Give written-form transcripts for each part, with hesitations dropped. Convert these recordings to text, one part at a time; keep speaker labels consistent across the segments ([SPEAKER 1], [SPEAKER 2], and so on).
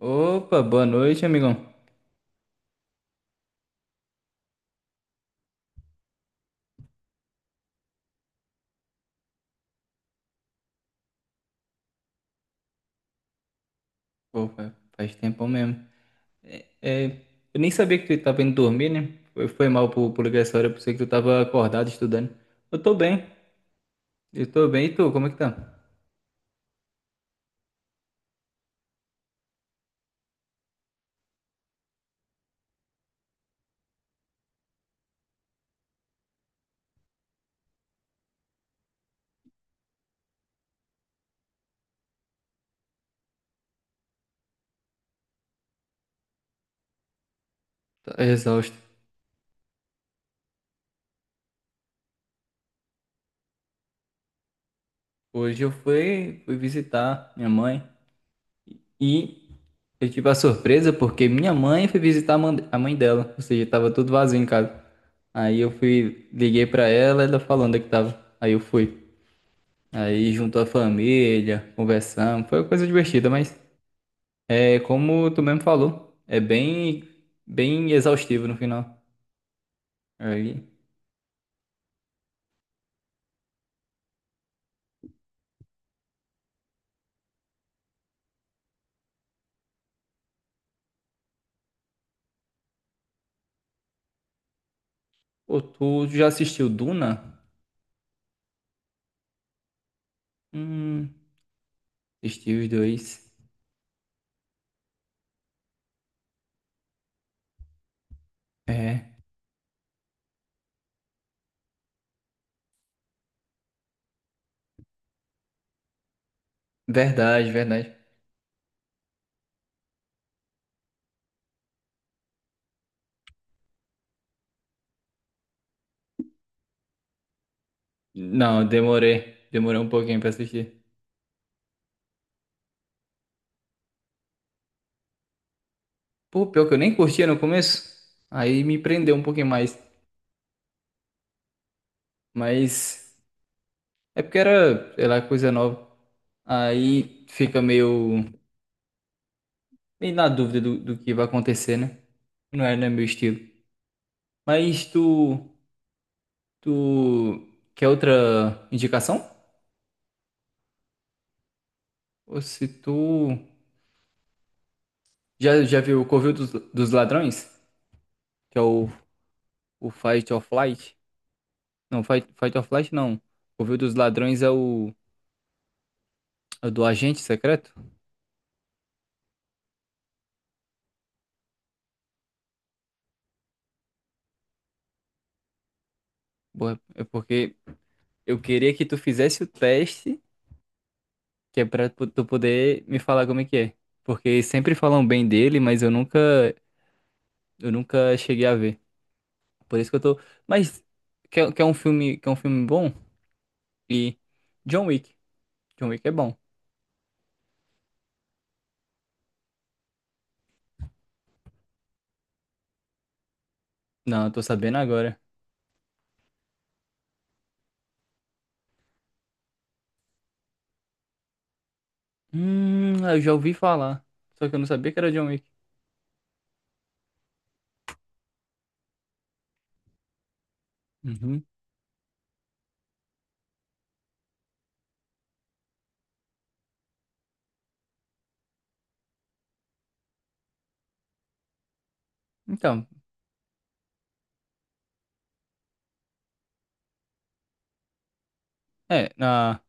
[SPEAKER 1] Opa, boa noite, amigão. Pô, faz tempo mesmo. É, é, eu nem sabia que tu tava indo dormir, né? Foi mal por ligar essa hora, eu pensei que tu tava acordado estudando. Eu tô bem, eu tô bem. E tu, como é que tá? Tá exausto. Hoje eu fui visitar minha mãe e eu tive a surpresa porque minha mãe foi visitar a mãe dela, ou seja, tava tudo vazio em casa. Aí eu fui, liguei pra ela, ela falando onde é que tava. Aí eu fui. Aí juntou a família, conversamos, foi uma coisa divertida, mas é como tu mesmo falou, bem exaustivo no final. Aí, pô, tu já assistiu Duna? Hum, assisti os dois. É, verdade, verdade. Não, demorei um pouquinho pra assistir. Pô, pior que eu nem curtia no começo, aí me prendeu um pouquinho mais, mas é porque era, sei lá, coisa nova. Aí fica meio na dúvida do que vai acontecer, né? Não é meu estilo. Mas tu quer outra indicação? Ou se tu já viu o Covil dos Ladrões, que é o Fight or Flight? Não, Fight or Flight não. Covil dos Ladrões é é o do agente secreto? Boa. É porque eu queria que tu fizesse o teste, que é pra tu poder me falar como é que é. Porque sempre falam bem dele, mas eu nunca cheguei a ver. Por isso que eu tô. Mas quer um filme bom? E John Wick. John Wick é bom. Não, eu tô sabendo agora. Eu já ouvi falar. Só que eu não sabia que era John Wick. Uhum. Então, é, na.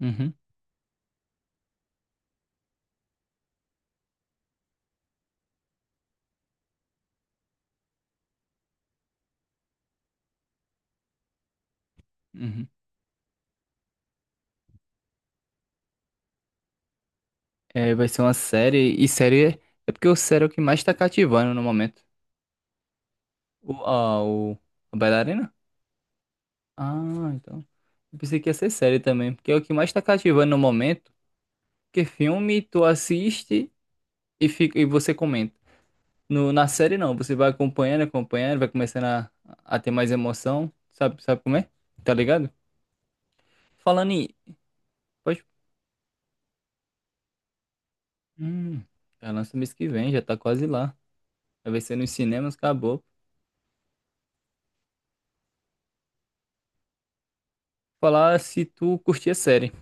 [SPEAKER 1] Uhum, uhum. É, vai ser uma série. E série é porque o série é o que mais tá cativando no momento. O, a, o, a bailarina? Ah, então. Eu pensei que ia ser série também. Porque é o que mais tá cativando no momento. Porque filme tu assiste e, fica, e você comenta. No, na série não, você vai acompanhando, acompanhando, vai começando a ter mais emoção, sabe como é? Tá ligado? Falando em, pode, hum, já lança mês que vem, já tá quase lá. Vai ser nos cinemas, acabou. Falar se tu curtia a série.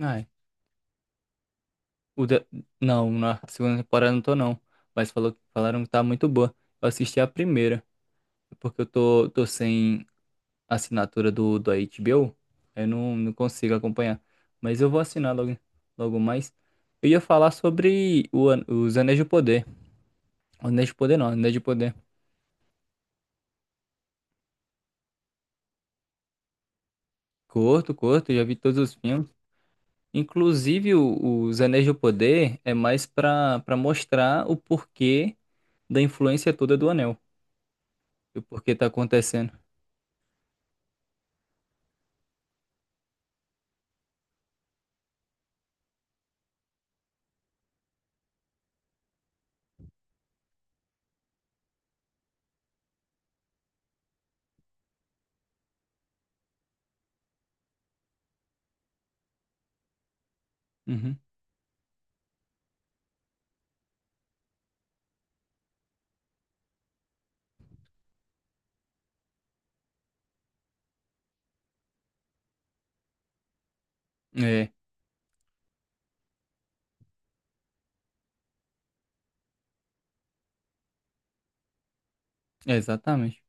[SPEAKER 1] Ai, o da- não, na segunda temporada não tô não, mas falaram que tá muito boa. Eu assisti a primeira, porque eu tô sem assinatura do HBO, eu não, não consigo acompanhar. Mas eu vou assinar logo, logo mais. Eu ia falar sobre os Anéis de Poder. Anéis de Poder não, Anéis de Poder. Curto, curto, já vi todos os filmes. Inclusive, os Anéis de Poder é mais pra mostrar o porquê da influência toda do Anel. E o porquê tá acontecendo. Uhum. É, é exatamente.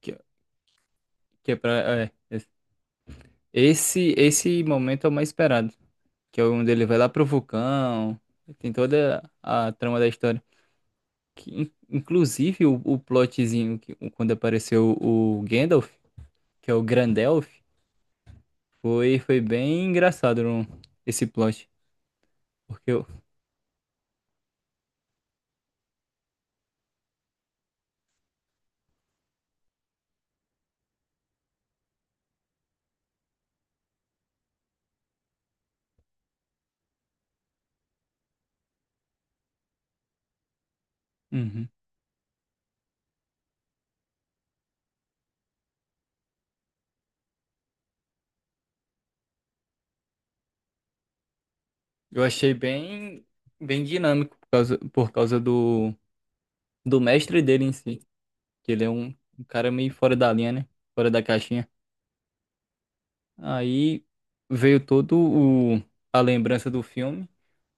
[SPEAKER 1] Que, que é pra, é, esse momento é o mais esperado. Que é onde ele vai lá pro vulcão, tem toda a trama da história. Que, inclusive o plotzinho que, quando apareceu o Gandalf, que é o Grandelf, foi bem engraçado esse plot. Porque eu, uhum, eu achei bem dinâmico por causa do mestre dele em si. Que ele é um cara meio fora da linha, né? Fora da caixinha. Aí veio todo o, a lembrança do filme.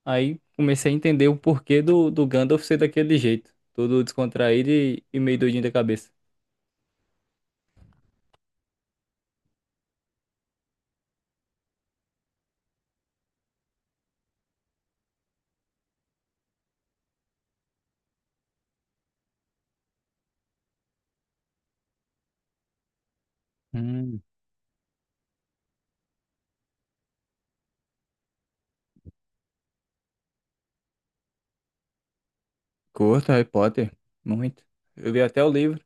[SPEAKER 1] Aí comecei a entender o porquê do Gandalf ser daquele jeito. Todo descontraído e meio doidinho da cabeça. Hum, Curto Harry Potter, muito. Eu li até o livro,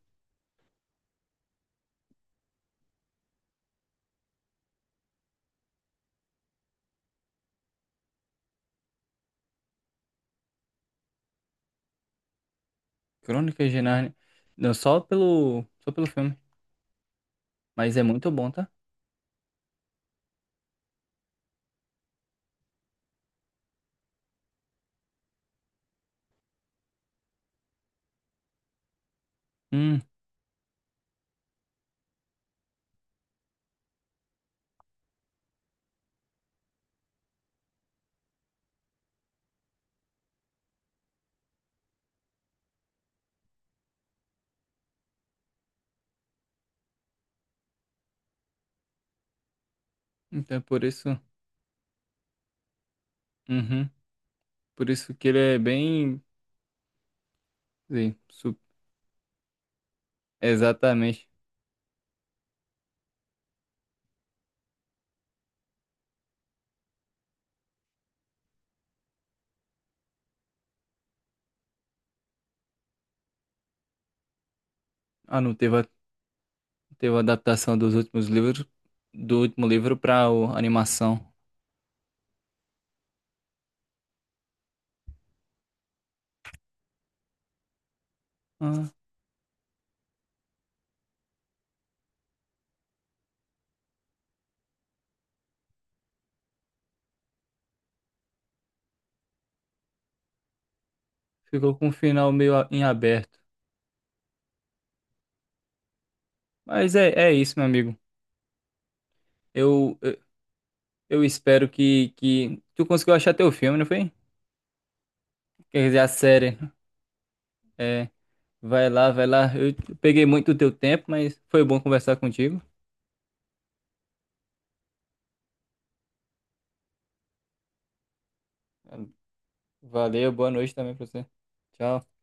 [SPEAKER 1] Crônicas de Nárnia. Não, só só pelo filme. Mas é muito bom, tá? Hum, então é por isso. Uhum. Por isso que ele é bem. Sim, su- exatamente. Ah, não, teve a, teve a adaptação dos últimos livros, do último livro pra animação. Ah, ficou com um final meio a- em aberto. Mas é, é isso, meu amigo. Eu, eu, eu espero que tu conseguiu achar teu filme, não foi? Quer dizer, a série. É, vai lá. Eu peguei muito do teu tempo, mas foi bom conversar contigo. Valeu, boa noite também pra você. Tchau.